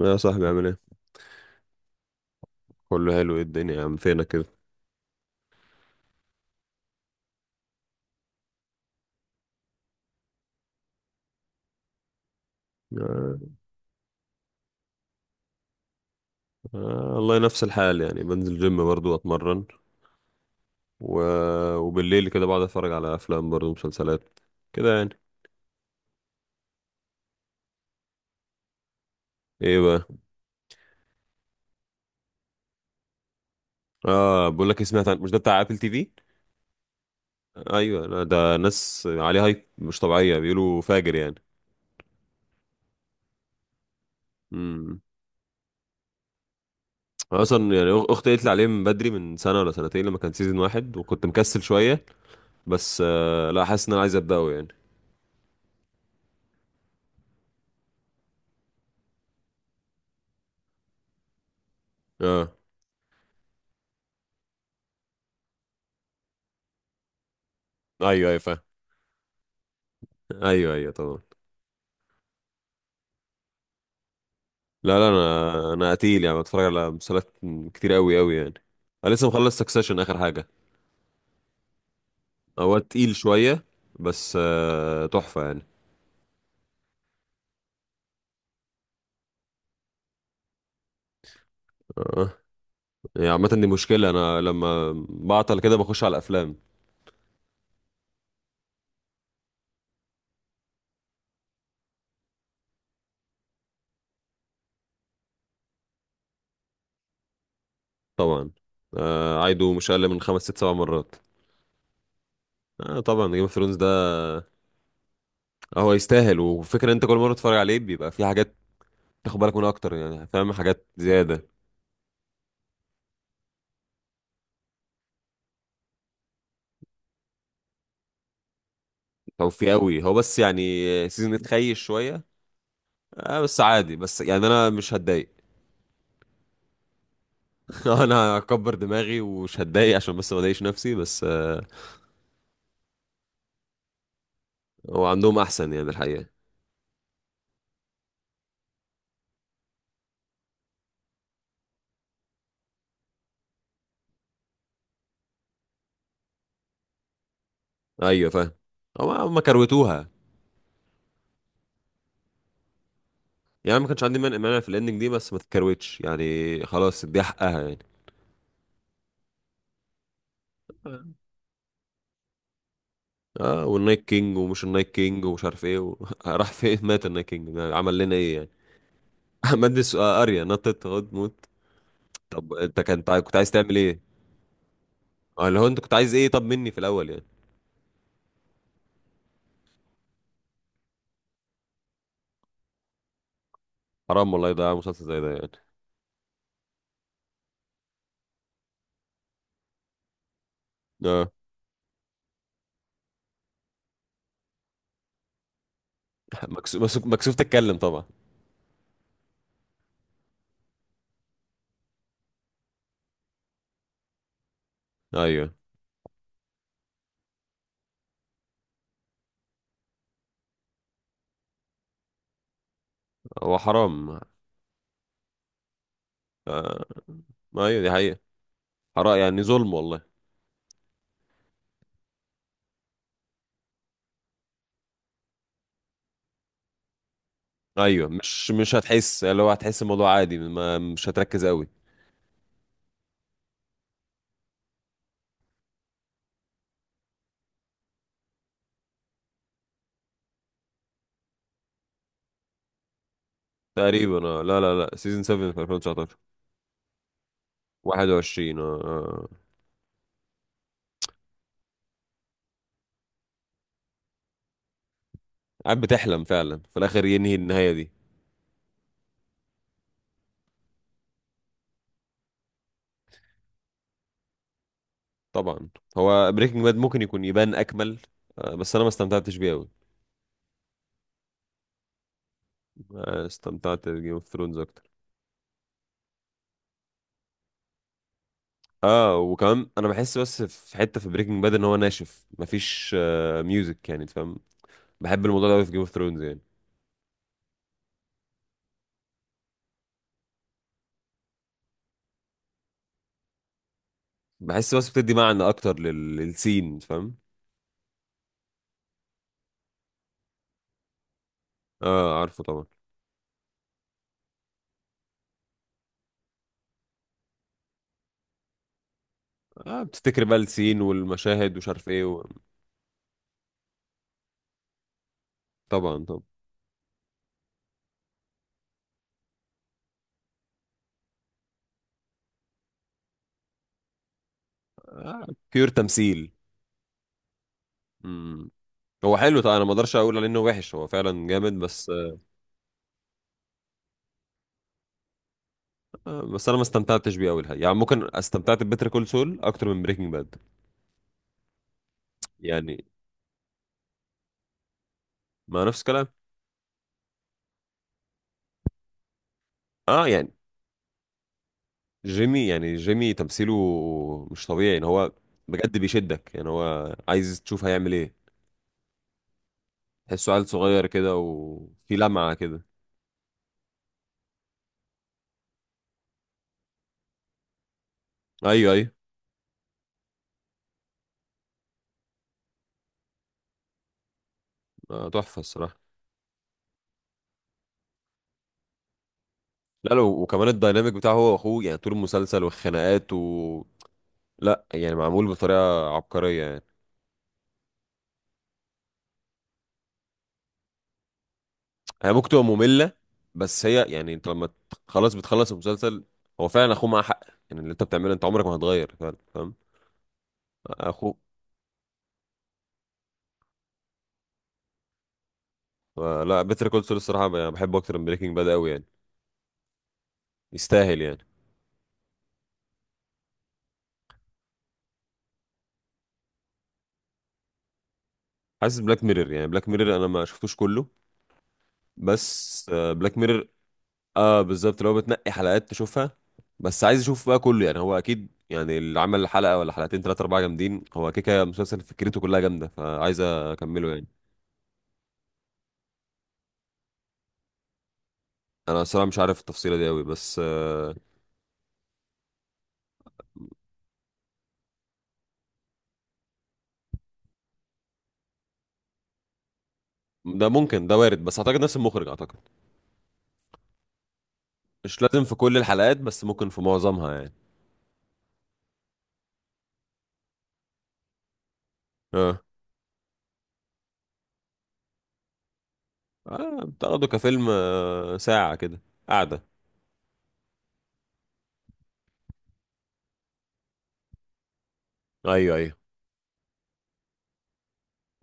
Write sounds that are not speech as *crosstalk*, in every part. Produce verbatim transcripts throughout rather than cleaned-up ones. يا صاحبي عامل ايه؟ كله حلو. ايه الدنيا يا عم؟ فينك كده؟ آه. آه، والله نفس الحال، يعني بنزل جيم برضو اتمرن. و... وبالليل كده بقعد اتفرج على افلام برضو مسلسلات كده يعني. ايه بقى؟ اه، بقول لك إيه، سمعت عن، مش ده بتاع ابل تي في؟ ايوه، لا ده ناس عليه هايب مش طبيعيه، بيقولوا فاجر يعني. امم. أنا اصلا يعني أخ- اختي قالت لي عليه من بدري، من سنه ولا سنتين لما كان سيزون واحد، وكنت مكسل شويه. بس آه لا، حاسس ان انا عايز ابداه يعني. اه. ايوه ايوه، فاهم. ايوه ايوه، طبعا. لا لا، انا انا قتيل يعني، بتفرج على مسلسلات كتير قوي قوي يعني. انا لسه مخلص سكسيشن، اخر حاجه. هو تقيل شويه، بس آه، تحفه يعني. اه يعني، عامه دي مشكله، انا لما بعطل كده بخش على افلام. طبعا. آه، عايده مش اقل من خمس ست سبع مرات. آه، طبعا جيم اوف ثرونز ده هو يستاهل. وفكره انت كل مره تتفرج عليه بيبقى في حاجات تاخد بالك منها اكتر، يعني فاهم، حاجات زياده. او في قوي، هو بس يعني سيزون اتخيش شويه. آه بس عادي، بس يعني انا مش هتضايق. *laughs* انا هكبر دماغي ومش هتضايق، عشان بس ما اضايقش نفسي بس آه، هو عندهم احسن يعني الحقيقه. ايوه فاهم. هو هم كروتوها يعني. ما كانش عندي مانع مانع في الاندنج دي، بس ما تتكروتش يعني، خلاص دي حقها يعني. اه، والنايت كينج، ومش النايت كينج، ومش عارف ايه و... *laughs* راح فين؟ مات النايت كينج ده، عمل لنا ايه يعني؟ *laughs* مادس اريا نطت غد موت. طب انت كنت عاي- كنت عايز تعمل ايه؟ اه، اللي هو انت كنت عايز ايه طب مني في الاول يعني. حرام والله، يضيع مسلسل زي ده يعني. اه. *laughs* مكسوف مكسوف مكسوف تتكلم طبعا. ايوه. هو حرام. آه. ايوه دي حقيقة. حرام يعني، ظلم والله. ايوه، مش مش هتحس، اللي هو هتحس الموضوع عادي، ما مش هتركز قوي. تقريبا آه. لا لا لا، سيزون سبعة في ألفين وتسعتاشر. واحد وعشرين، اه آه. قاعد بتحلم فعلا في الاخر ينهي النهاية دي. طبعا. هو بريكنج باد ممكن يكون يبان اكمل آه. بس انا ما استمتعتش بيه قوي. آه. استمتعت بجيم اوف ثرونز اكتر. اه. وكمان انا بحس، بس في حته في بريكنج باد ان هو ناشف، مفيش آه ميوزك يعني، أنت فاهم. بحب الموضوع ده قوي في جيم اوف ثرونز يعني. بحس بس بتدي معنى اكتر لل... للسين، فاهم. اه عارفه طبعا. اه، بتفتكر بقى السين والمشاهد ومش عارف ايه و... طبعا طبعا. آه بيور تمثيل. مم. هو حلو طبعا، انا ما اقدرش اقول عليه انه وحش، هو فعلا جامد، بس آه بس انا ما استمتعتش بيه قوي الحقيقة. يعني ممكن استمتعت ببيتر كول سول اكتر من بريكنج باد يعني، ما نفس الكلام. اه يعني، جيمي، يعني جيمي تمثيله مش طبيعي يعني. هو بجد بيشدك يعني، هو عايز تشوف هيعمل ايه. تحسه عيل صغير كده، وفي لمعة كده. ايوه ايوه. آه، تحفه الصراحه. لا، لو وكمان الديناميك بتاعه هو واخوه يعني، طول المسلسل والخناقات و لا يعني، معمول بطريقه عبقريه يعني. هي ممكن تبقى ممله، بس هي يعني انت لما ت- خلاص، بتخلص المسلسل، هو فعلا اخوه معاه حق. يعني اللي انت بتعمله انت عمرك ما هتغير فعلا، فاهم. اخوه. آه، لا بيتر كول سول الصراحه ب- يعني بحبه اكتر من بريكنج باد قوي يعني، يستاهل يعني. حاسس بلاك ميرور، يعني بلاك ميرور انا ما شفتوش كله، بس بلاك ميرور. اه بالظبط، لو بتنقي حلقات تشوفها. بس عايز اشوف بقى كله يعني، هو اكيد يعني اللي عمل حلقه ولا حلقتين ثلاثه اربعه جامدين، هو كده كده مسلسل فكرته كلها جامده، فعايز اكمله يعني. انا الصراحه مش عارف التفصيله دي قوي بس آه، ده ممكن، ده وارد، بس اعتقد نفس المخرج اعتقد. مش لازم في كل الحلقات، بس ممكن في معظمها يعني. اه. آه، بتاخده كفيلم، آه، ساعه كده قاعده. ايوه ايوه.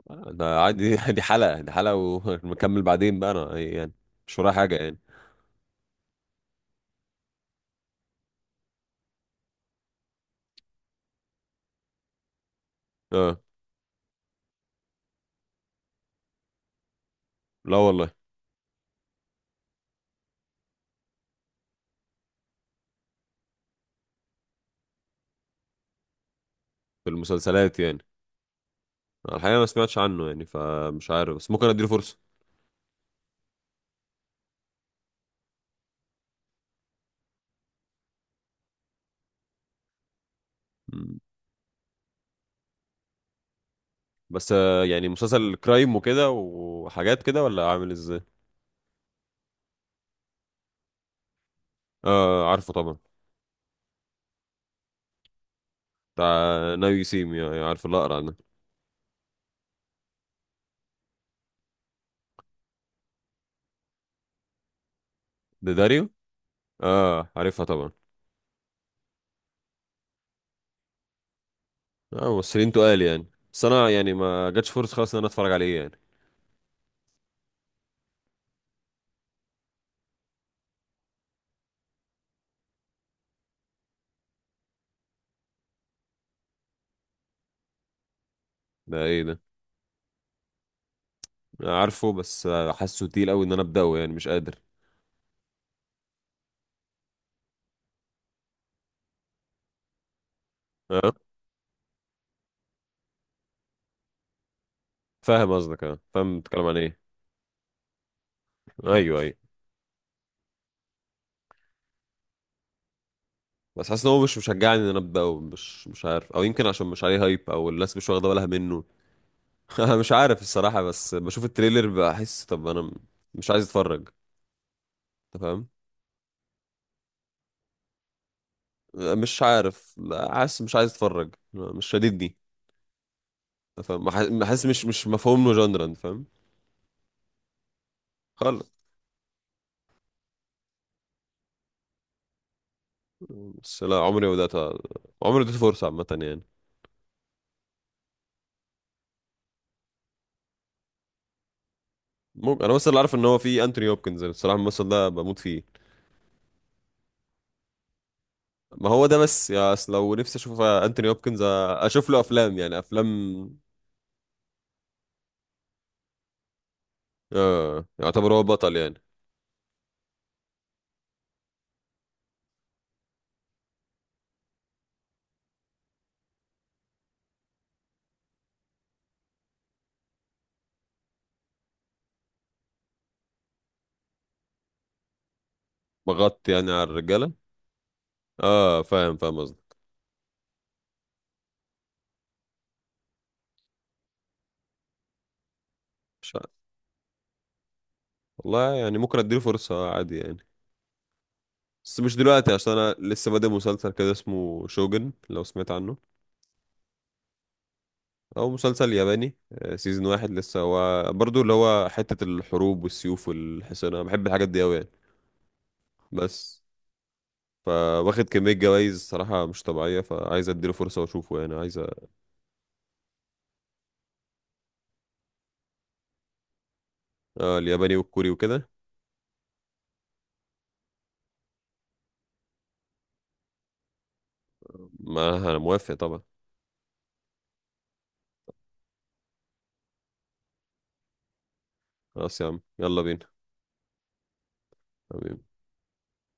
آه، ده عادي. *laughs* دي حلقه، دي حلقه ونكمل. *laughs* بعدين بقى انا يعني مش ورايا حاجه يعني. اه. لا والله. في المسلسلات يعني. الحقيقة ما سمعتش عنه يعني، فمش عارف، بس ممكن اديله فرصة. مم. بس آه، يعني مسلسل كرايم وكده، وحاجات كده، ولا عامل ازاي؟ اه عارفه طبعا. بتاع ناو يو سي مي، يعني عارف الأقرع ده. ده داريو؟ اه عارفها طبعا. اه، ممثلين تقال يعني. بس انا يعني ما جاتش فرصة خالص ان انا اتفرج عليه يعني. ده ايه ده؟ أنا عارفه، بس آه، حاسه تقيل قوي ان انا ابدأه يعني، مش قادر. اه فاهم قصدك، اه فاهم بتتكلم عن ايه. ايوه ايوه. بس حاسس ان هو مش مشجعني ان انا ابدا، مش مش عارف، او يمكن عشان مش عليه هايب، او الناس مش واخده بالها منه. *laughs* انا مش عارف الصراحه، بس بشوف التريلر بحس، طب انا م- مش عايز اتفرج، انت فاهم. مش عارف، لا حاسس مش عايز اتفرج، مش شديدني، انت فاهم. مح- حاسس مش مش مفهوم له جندرا، انت فاهم. خالص. بس لا، عمري ما بدات أ- عمري ما اديته فرصه عامه يعني. ممكن، انا بس اللي عارف ان هو في انتوني هوبكنز، الصراحه الممثل ده بموت فيه. ما هو ده بس، يا اصل لو نفسي اشوف انتوني هوبكنز أ- اشوف له افلام، يعني افلام. اه يعتبر هو بطل يعني. مغطي يعني على الرجالة. اه فاهم فاهم قصدك. مش عارف. والله يعني ممكن اديله فرصة آه، عادي يعني. بس مش دلوقتي، عشان انا لسه بادئ مسلسل كده اسمه شوجن، لو سمعت عنه. او مسلسل ياباني آه، سيزون واحد لسه، هو برضو اللي هو حتة الحروب والسيوف والحصان، انا بحب الحاجات دي اوي يعني. بس فواخد كمية جوايز صراحة مش طبيعية، فعايز اديله فرصة واشوفه يعني عايز أ- آه الياباني والكوري وكده. ما انا موافق طبعا. خلاص يا عم، يلا بينا